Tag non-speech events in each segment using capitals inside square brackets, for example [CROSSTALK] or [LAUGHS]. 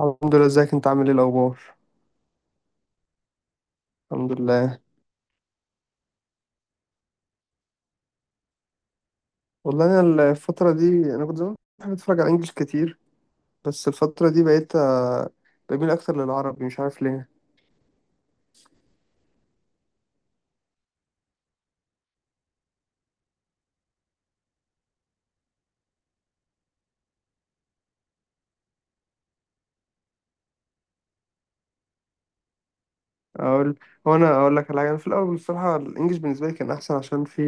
الحمد لله، ازيك انت عامل ايه الاخبار؟ الحمد لله. والله انا الفتره دي انا كنت زمان بحب اتفرج على انجلش كتير، بس الفتره دي بقيت بميل اكتر للعربي، مش عارف ليه. اقول هو انا اقول لك على حاجه، انا في الاول بصراحه الانجليش بالنسبه لي كان احسن، عشان في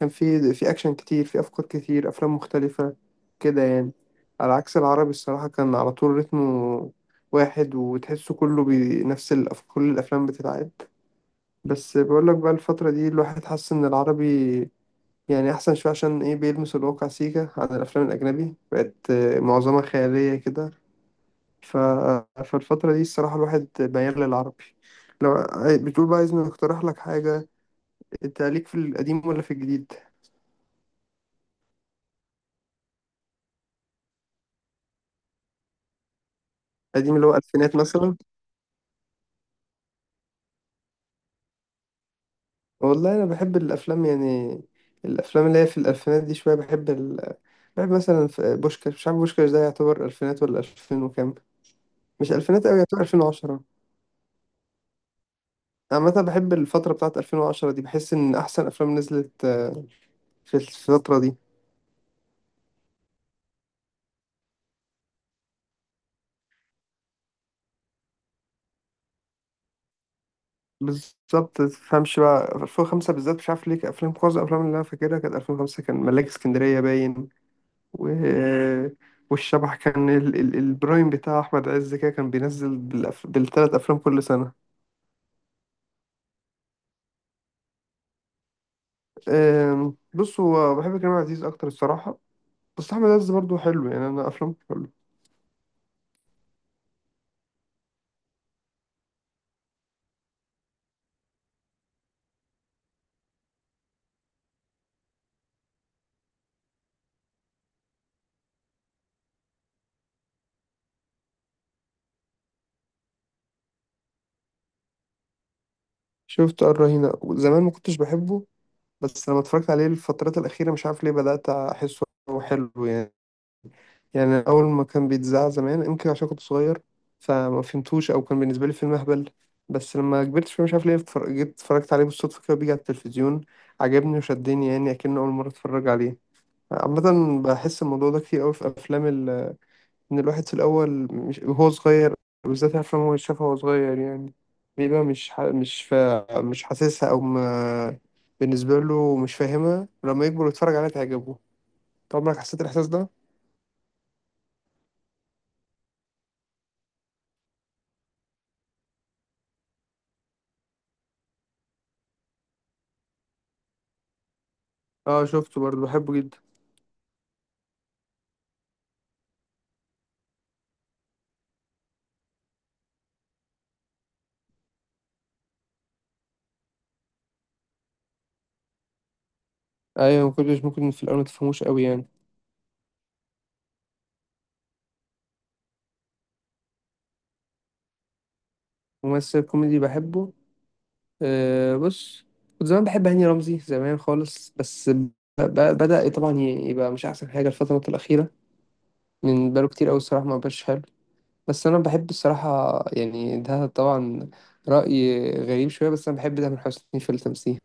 كان في اكشن كتير، في افكار كتير، افلام مختلفه كده يعني. على عكس العربي الصراحه كان على طول رتمه واحد، وتحسه كله بنفس كل الافلام بتتعاد. بس بقول لك بقى، الفتره دي الواحد حس ان العربي يعني أحسن شوية، عشان إيه؟ بيلمس الواقع سيكا، عن الأفلام الأجنبي بقت معظمها خيالية كده. ف... فالفترة دي الصراحة الواحد ميال للعربي. لو بتقول بقى عايزني أقترح لك حاجة، أنت ليك في القديم ولا في الجديد؟ القديم اللي هو ألفينات مثلا؟ والله أنا بحب الأفلام يعني، الأفلام اللي هي في الألفينات دي شوية. بحب مثلا في بوشكاش، مش عارف بوشكاش ده يعتبر ألفينات ولا ألفين وكام؟ مش ألفينات أوي، يعتبر ألفين وعشرة. أنا مثلا بحب الفترة بتاعت 2010 دي، بحس إن أحسن أفلام نزلت في الفترة دي. بالظبط، متفهمش بقى 2005 بالذات مش عارف ليه، كان أفلام معظم الأفلام اللي أنا فاكرها كانت 2005، كان ملاك اسكندرية باين و... والشبح كان البرايم بتاع أحمد عز كده كان بينزل بالتلات أفلام كل سنة. بص، هو بحب كريم عبد العزيز أكتر الصراحة، بس أحمد عز برضه حلو يعني، أنا أفلامه حلو. شفت الرهينة زمان ما كنتش بحبه، بس لما اتفرجت عليه الفترات الأخيرة مش عارف ليه بدأت أحسه حلو يعني. يعني أول ما كان بيتذاع زمان يمكن عشان كنت صغير، فما فهمتوش، أو كان بالنسبة لي فيلم أهبل. بس لما كبرت شوية مش عارف ليه جيت اتفرجت عليه بالصدفة، كده بيجي على التلفزيون عجبني وشدني يعني، أكنه أول مرة اتفرج عليه. عامة بحس الموضوع ده كتير أوي في أفلام، ان الواحد في الاول مش وهو صغير، بالذات افلام هو شافها وهو صغير يعني، بيبقى مش ح... مش فا... مش حاسسها او ما... بالنسبه له مش فاهمها، لما يكبر ويتفرج عليها تعجبه. طب عمرك حسيت الاحساس ده؟ اه شفته برضه بحبه جدا. ايوه، ما كنتش ممكن في الاول ما تفهموش قوي يعني. ممثل كوميدي بحبه؟ أه، بص، كنت زمان بحب هاني رمزي زمان خالص، بس ب- بدأ طبعا يبقى مش احسن حاجه الفتره الاخيره، من بقاله كتير قوي الصراحه ما بقاش حلو. بس انا بحب الصراحه يعني ده طبعا راي غريب شويه، بس انا بحب تامر حسني في التمثيل.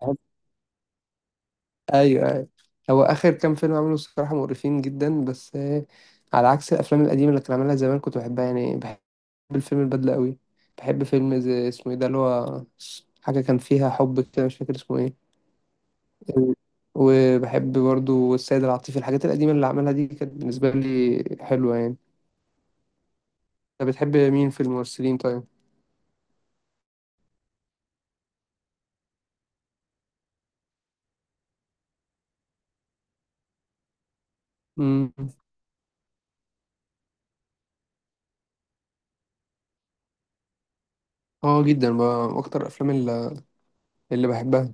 بحب- ايوه ايوه، هو اخر كام فيلم عمله الصراحه مقرفين جدا، بس على عكس الافلام القديمه اللي كان عاملها زمان كنت بحبها يعني، بحب الفيلم البدله قوي. بحب فيلم زي اسمه ايه ده اللي هو حاجه كان فيها حب كده، مش فاكر اسمه ايه. وبحب برضو السيد العاطفي، الحاجات القديمه اللي عملها دي كانت بالنسبه لي حلوه يعني. انت بتحب مين في الممثلين؟ طيب، اه جدا بقى، اكتر الافلام اللي بحبها،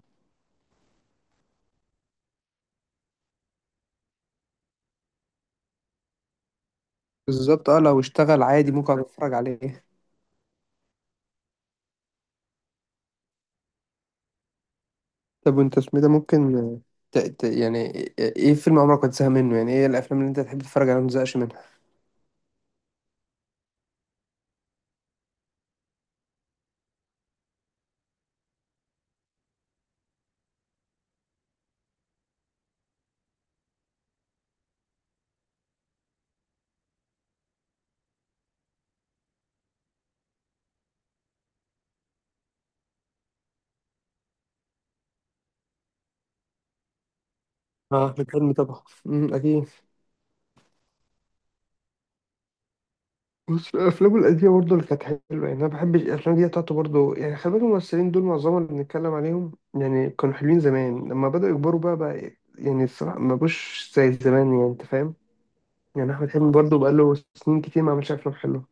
بالظبط اه، لو اشتغل عادي ممكن أقعد اتفرج عليه. طب وانت اسمه إيه ده؟ ممكن يعني ايه فيلم عمرك ما تزهق منه؟ يعني ايه الافلام اللي انت تحب تتفرج عليها ما تزهقش منها؟ اه الفيلم طبعا اكيد. بص، الافلام القديمه برضه اللي كانت حلوه يعني، انا بحب الافلام دي بتاعته برضه يعني. خلي بالك، الممثلين دول معظمهم اللي بنتكلم عليهم يعني كانوا حلوين زمان، لما بداوا يكبروا بقى يعني الصراحه ما بقوش زي زمان، يعني انت فاهم. يعني احمد حلمي برضه بقى له سنين كتير ما عملش افلام حلوه،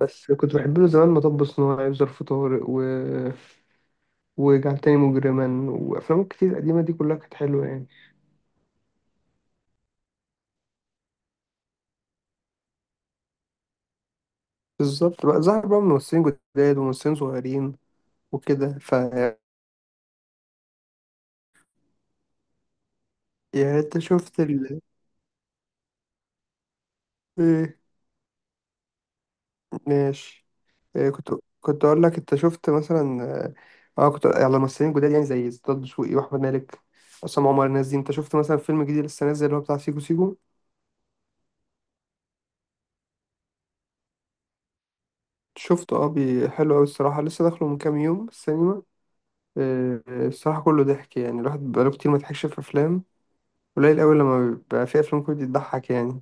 بس كنت بحب له زمان مطب صناعي وظرف طارق وجعل تاني مجرما، وأفلامه كتير قديمة دي كلها كانت حلوة يعني. بالظبط، بقى ظهر بقى ممثلين جداد وممثلين صغيرين وكده. يعني أنت شفت إيه، ماشي، إيه، كنت كنت أقول لك، أنت شفت مثلا، أه آه، كنت على ممثلين جداد يعني زي ستاد دسوقي وأحمد مالك، عصام عمر، الناس دي. أنت شفت مثلا فيلم جديد لسه نازل اللي هو بتاع سيكو سيكو؟ شفته حلو أوي الصراحة، لسه داخله من كام يوم السينما. الصراحة كله ضحك يعني، الواحد بقاله كتير ما ضحكش في أفلام، قليل أوي لما بيبقى في أفلام كوميدي بتضحك يعني،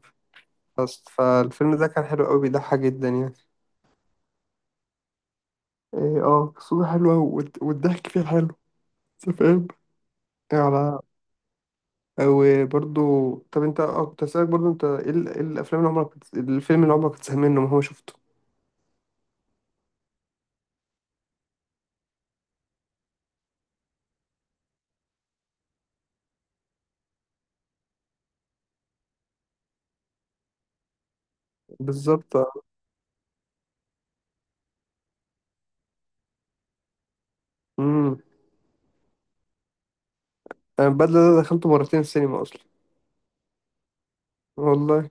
بس فالفيلم ده كان حلو أوي بيضحك جدا يعني. إيه، اه قصته حلوة، والضحك فيه حلو، أنت فاهم. على وبرضو، طب أنت كنت هسألك برضو، أنت إيه الأفلام اللي عمرك الفيلم اللي عمرك كنت زهقان منه ما هو شفته؟ بالظبط اه. امم أنا البدلة ده دخلته مرتين السينما أصلا. والله.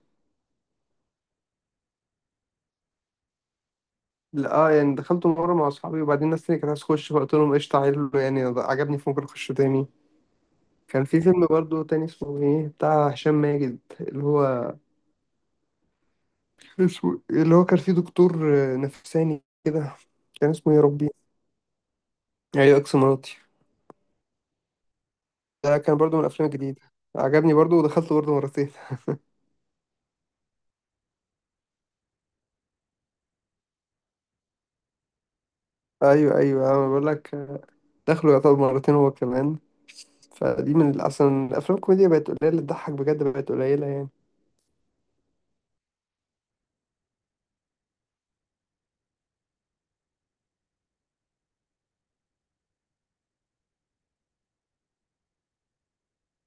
لا، يعني دخلته مرة مع أصحابي، وبعدين الناس تانية كانت عايزة تخش، فقلت لهم قشطة، عيل يعني عجبني فممكن أخش تاني. كان في فيلم برضو تاني اسمه ايه بتاع هشام ماجد، اللي هو اسمه، اللي هو كان فيه دكتور نفساني كده، كان اسمه يا ربي. ايوه اكس مراتي، ده كان برضو من الافلام الجديدة، عجبني برضو ودخلته برضو مرتين. [LAUGHS] ايوه ايوه انا بقول لك، دخله يعتبر مرتين هو كمان، فدي من اصلا الافلام الكوميديا بقت قليله، تضحك بجد بقت قليله يعني.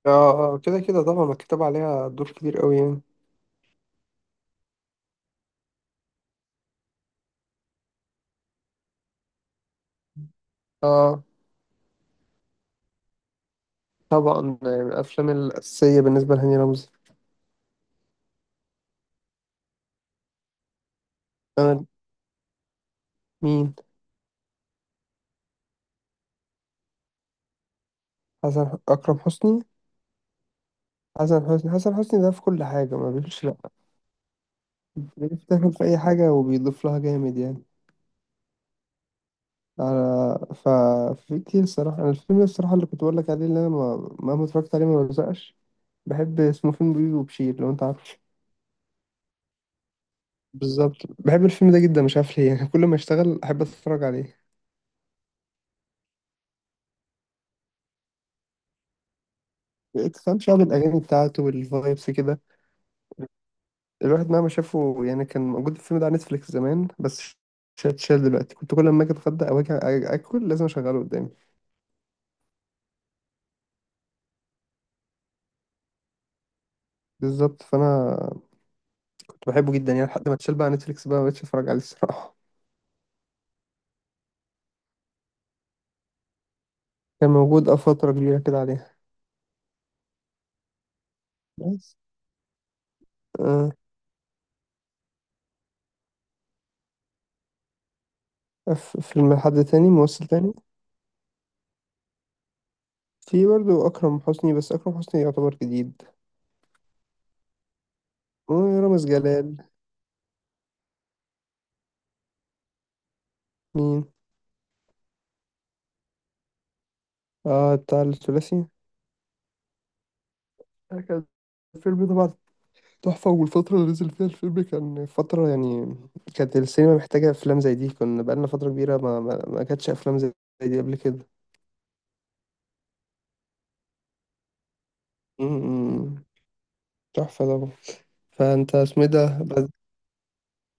اه اه، كده كده طبعا، مكتوب عليها دور كبير قوي يعني. اه طبعا، من الافلام الاساسيه بالنسبه لهاني رمزي. آه، مين؟ حسن اكرم حسني حسن حسني حسن حسني ده في كل حاجة ما بيقولش لأ، بيفتكر في أي حاجة وبيضيف لها جامد يعني. على ف في كتير الصراحة، أنا الفيلم ده الصراحة اللي كنت بقول لك عليه، اللي أنا ما اتفرجت عليه ما بزقش، بحب اسمه فيلم بيبي وبشير، لو أنت عارفه. بالظبط، بحب الفيلم ده جدا مش عارف ليه يعني، كل ما اشتغل أحب أتفرج عليه. كان شعب الأغاني بتاعته والفايبس كده، الواحد مهما شافه يعني. كان موجود الفيلم ده على نتفليكس زمان، بس شال دلوقتي. كنت كل ما أجي أتغدى أو أجي آكل لازم أشغله قدامي. بالظبط، فانا كنت بحبه جدا يعني لحد ما اتشال بقى نتفليكس، بقى مبقتش اتفرج عليه الصراحة. كان موجود فترة كبيرة كده عليها، بس آه فيلم حد تاني ممثل تاني، في برضه أكرم حسني، بس أكرم حسني يعتبر جديد، ورامز جلال. مين؟ اه، بتاع الثلاثي. ده كان الفيلم طبعا تحفة، والفترة اللي نزل فيها الفيلم كان فترة يعني كانت السينما محتاجة أفلام زي دي، كنا بقالنا فترة كبيرة ما كانتش أفلام زي دي قبل كده. م- م- تحفة طبعا. فأنت اسمه إيه ده،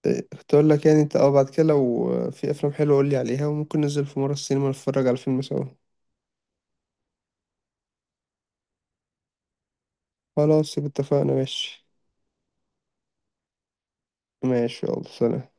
كنت اقول لك، يعني انت بعد كده لو في افلام حلوه قول لي عليها، وممكن ننزل في مره السينما نتفرج على فيلم سوا. خلاص يبقى اتفقنا، ماشي. ماشي يلا سلام.